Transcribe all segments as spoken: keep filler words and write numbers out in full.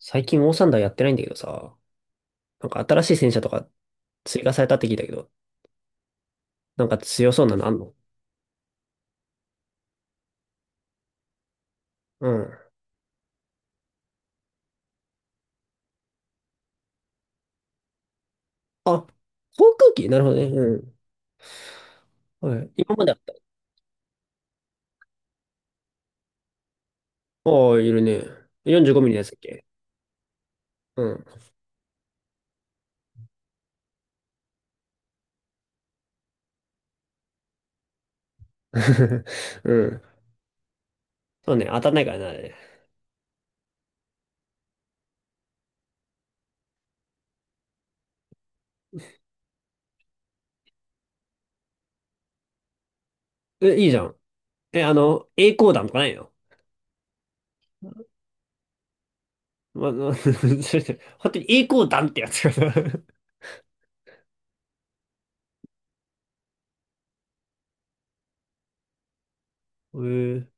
最近オーサンダーやってないんだけどさ、なんか新しい戦車とか追加されたって聞いたけど、なんか強そうなのあんの？うん。あ、航空機なるほどね。うん。はい。今まであった。ああ、いるね。よんじゅうごミリのやつだっけ？うん。うん。そうね、当たんないからな、あれ。え、いいじゃん。え、あの、栄光弾とかないの？ま、ま、それで本当に栄光弾ってやつがさ。えー、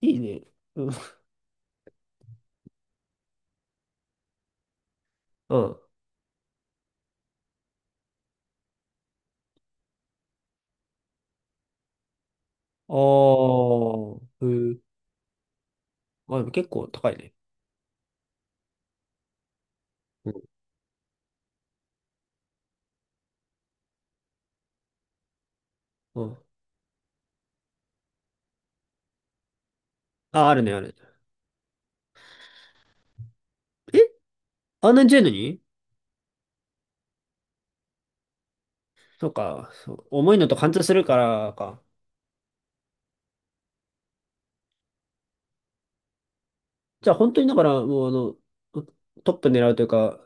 いいね。うん。うん。ああ、えー、まあ、でも結構高いね。うん。うん。あ、あるね、あるね。えあんなに強いのに？そうか、そう、重いのと貫通するからか。じゃあ本当にだから、もうあの、トップ狙うというか、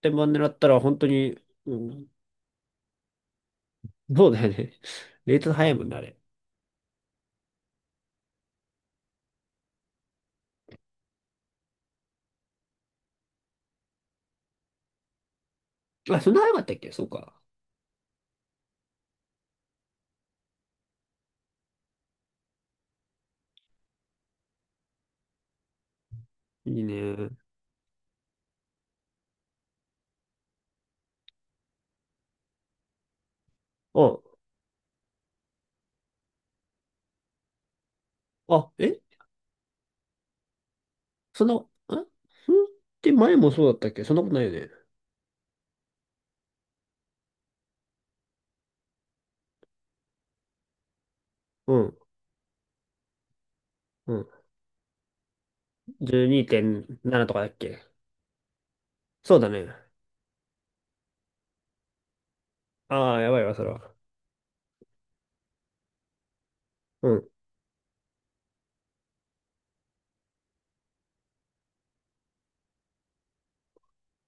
天板狙ったら本当に、うん、そうだよね。レート早いもんね、あれ。あ、そんな早かったっけ？そうか。いいね。あ、あ、えそんな、あそんって前もそうだったっけ？そんなことないよね。うん、うん。じゅうにてんななとかだっけ？そうだね。ああ、やばいわ、それは。うん。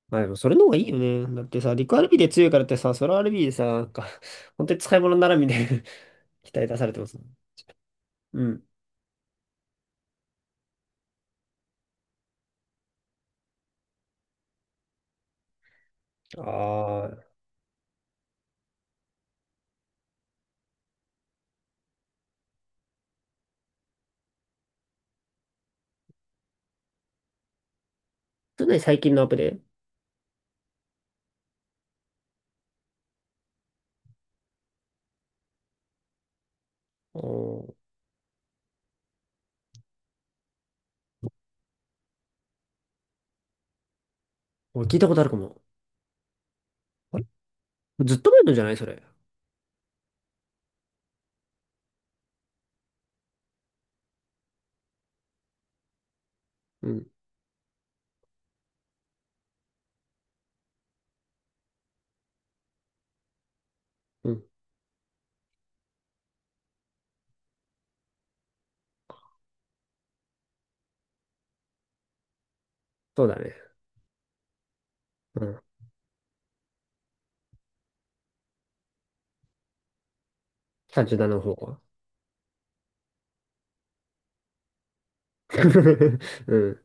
まあでもそれの方がいいよね。だってさ、リクアルビーで強いからってさ、ソロアルビーでさ、なんか、本当に使い物にならんみたいな。 期待出されてますね。うん。ああ。それね、最近のアップで。おー、俺聞いたことあるかも。あれ、ずっと前のじゃない？それ。うん。うん。そうだね。うん。さんじゅうななの方か。うん。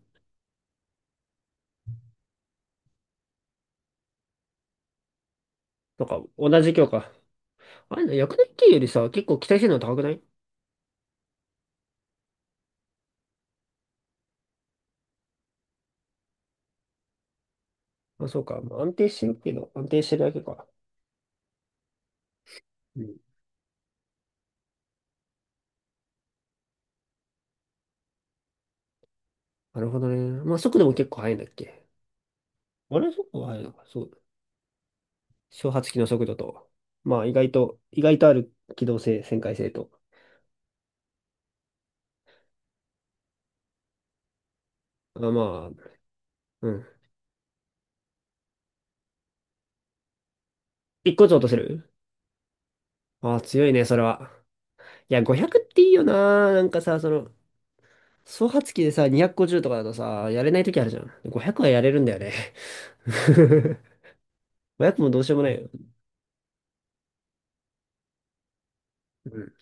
なんか、同じ教科。あれな、薬年期よりさ、結構期待性能高くない？まあ、そうか。まあ、安定してるけど、安定してるだけか。うん。なるほどね。まあ、速度も結構速いんだっけ？あれ、速度は速いのか。そう。小発機の速度と、まあ意外と、意外とある機動性、旋回性と。あ、まあ、うん。一個ずつ落とせる？ああ、強いね、それは。いや、ごひゃくっていいよな。なんかさ、その、総発機でさ、にひゃくごじゅうとかだとさ、やれない時あるじゃん。ごひゃくはやれるんだよね。ごひゃくもどうしようもないよ。うん。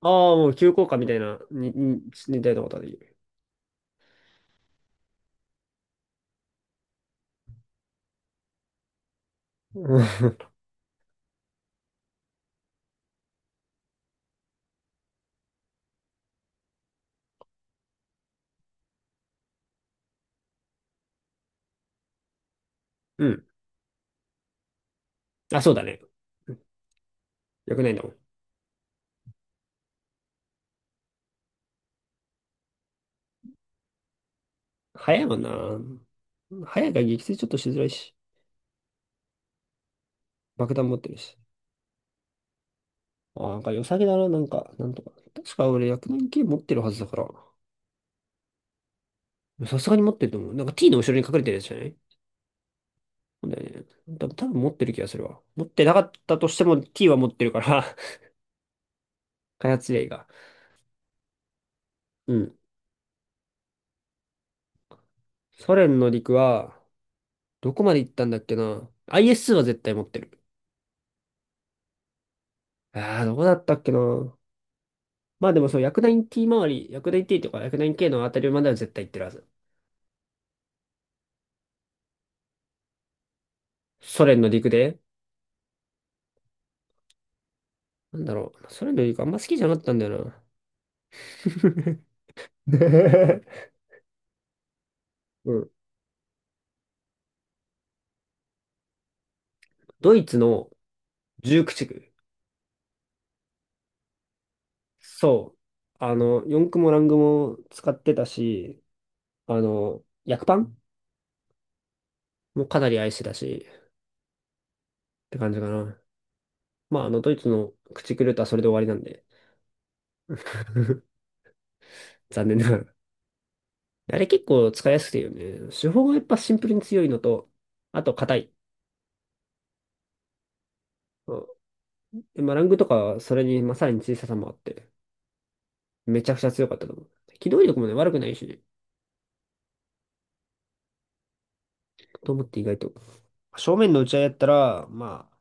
ああ、もう急降下みたいな、に、に、似たようなことはできる。うん。うん。あ、そうだね。よくないんだもん。早いもんな。早いから撃墜ちょっとしづらいし、爆弾持ってるし。あ、なんか良さげだな、なんか、なんとか。確か俺薬丸系持ってるはずだから。さすがに持ってると思う。なんか T の後ろに隠れてるやつじゃない？そうだよね。多分、多分持ってる気がするわ。持ってなかったとしても T は持ってるから。 開発例が。うん。ソ連の陸は、どこまで行ったんだっけな。アイエス は絶対持ってる。ああ、どこだったっけな。まあでもそう、薬丸 T 周り、薬丸 T とか薬丸 K のあたりまでは絶対行ってるはず。ソ連の陸で。なんだろう。ソ連の陸あんま好きじゃなかったんだよな。うん。ドイツのじゅうきゅう区。そう。あの、四駆もラングも使ってたし、あの、薬パンもかなり愛してたし、って感じかな。まあ、あの、ドイツの駆逐ルートはそれで終わりなんで。残念ながら。あれ結構使いやすくていいよね。手法がやっぱシンプルに強いのと、あと硬い。うん。でまあ、ラングとかはそれに、まあ、さらに小ささもあって、めちゃくちゃ強かったと思う。機動力もね、悪くないしね。と思って意外と。正面の打ち合いやったら、まあ、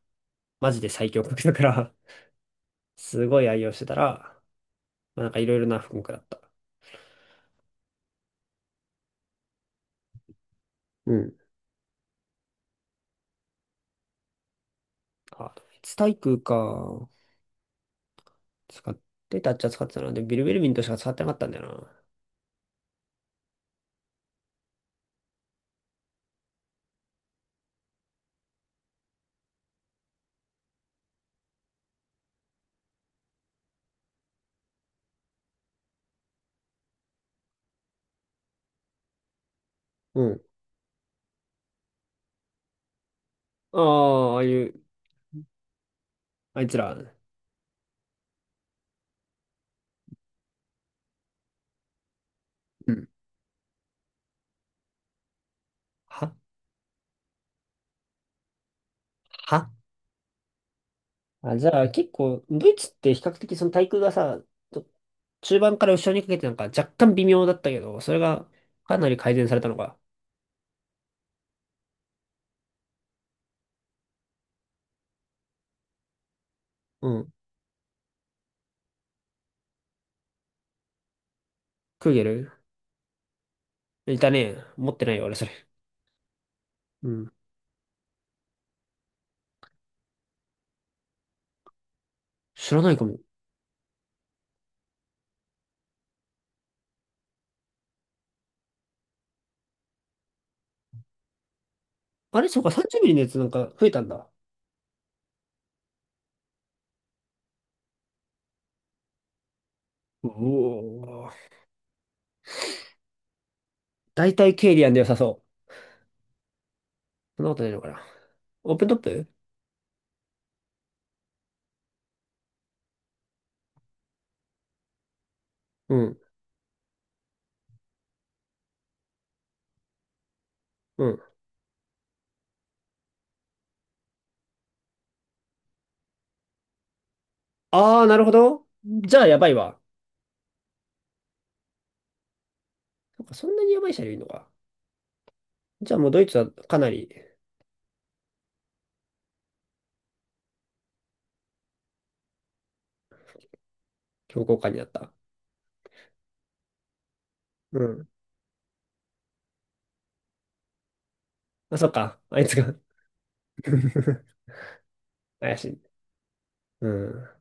マジで最強格だからすごい愛用してたら、まあ、なんかいろいろな科目だった。うん。あ、ドイツ体か。使ってたっちゃ使ってたな。でビルベルミントしか使ってなかったんだよな。うん。ああ、ああいう、あいつら。うん。ははあ、じゃあ結構、ドイツって比較的その対空がさ、と中盤から後ろにかけてなんか若干微妙だったけど、それがかなり改善されたのか。うん。クーゲルいたね。持ってないよ、俺それ。うん。知らないかも。あれ、そうか、さんじゅうミリのやつなんか増えたんだ。うおー。大体ケイリアンで良さそう。そんなことないのかな。オープントップ。うん。うん。ああ、なるほど。じゃあやばいわ。そっか。そんなにやばい車両いるのか。じゃあもうドイツはかなり強硬化になった。うん。あ、そっか。あいつが 怪しい。うん。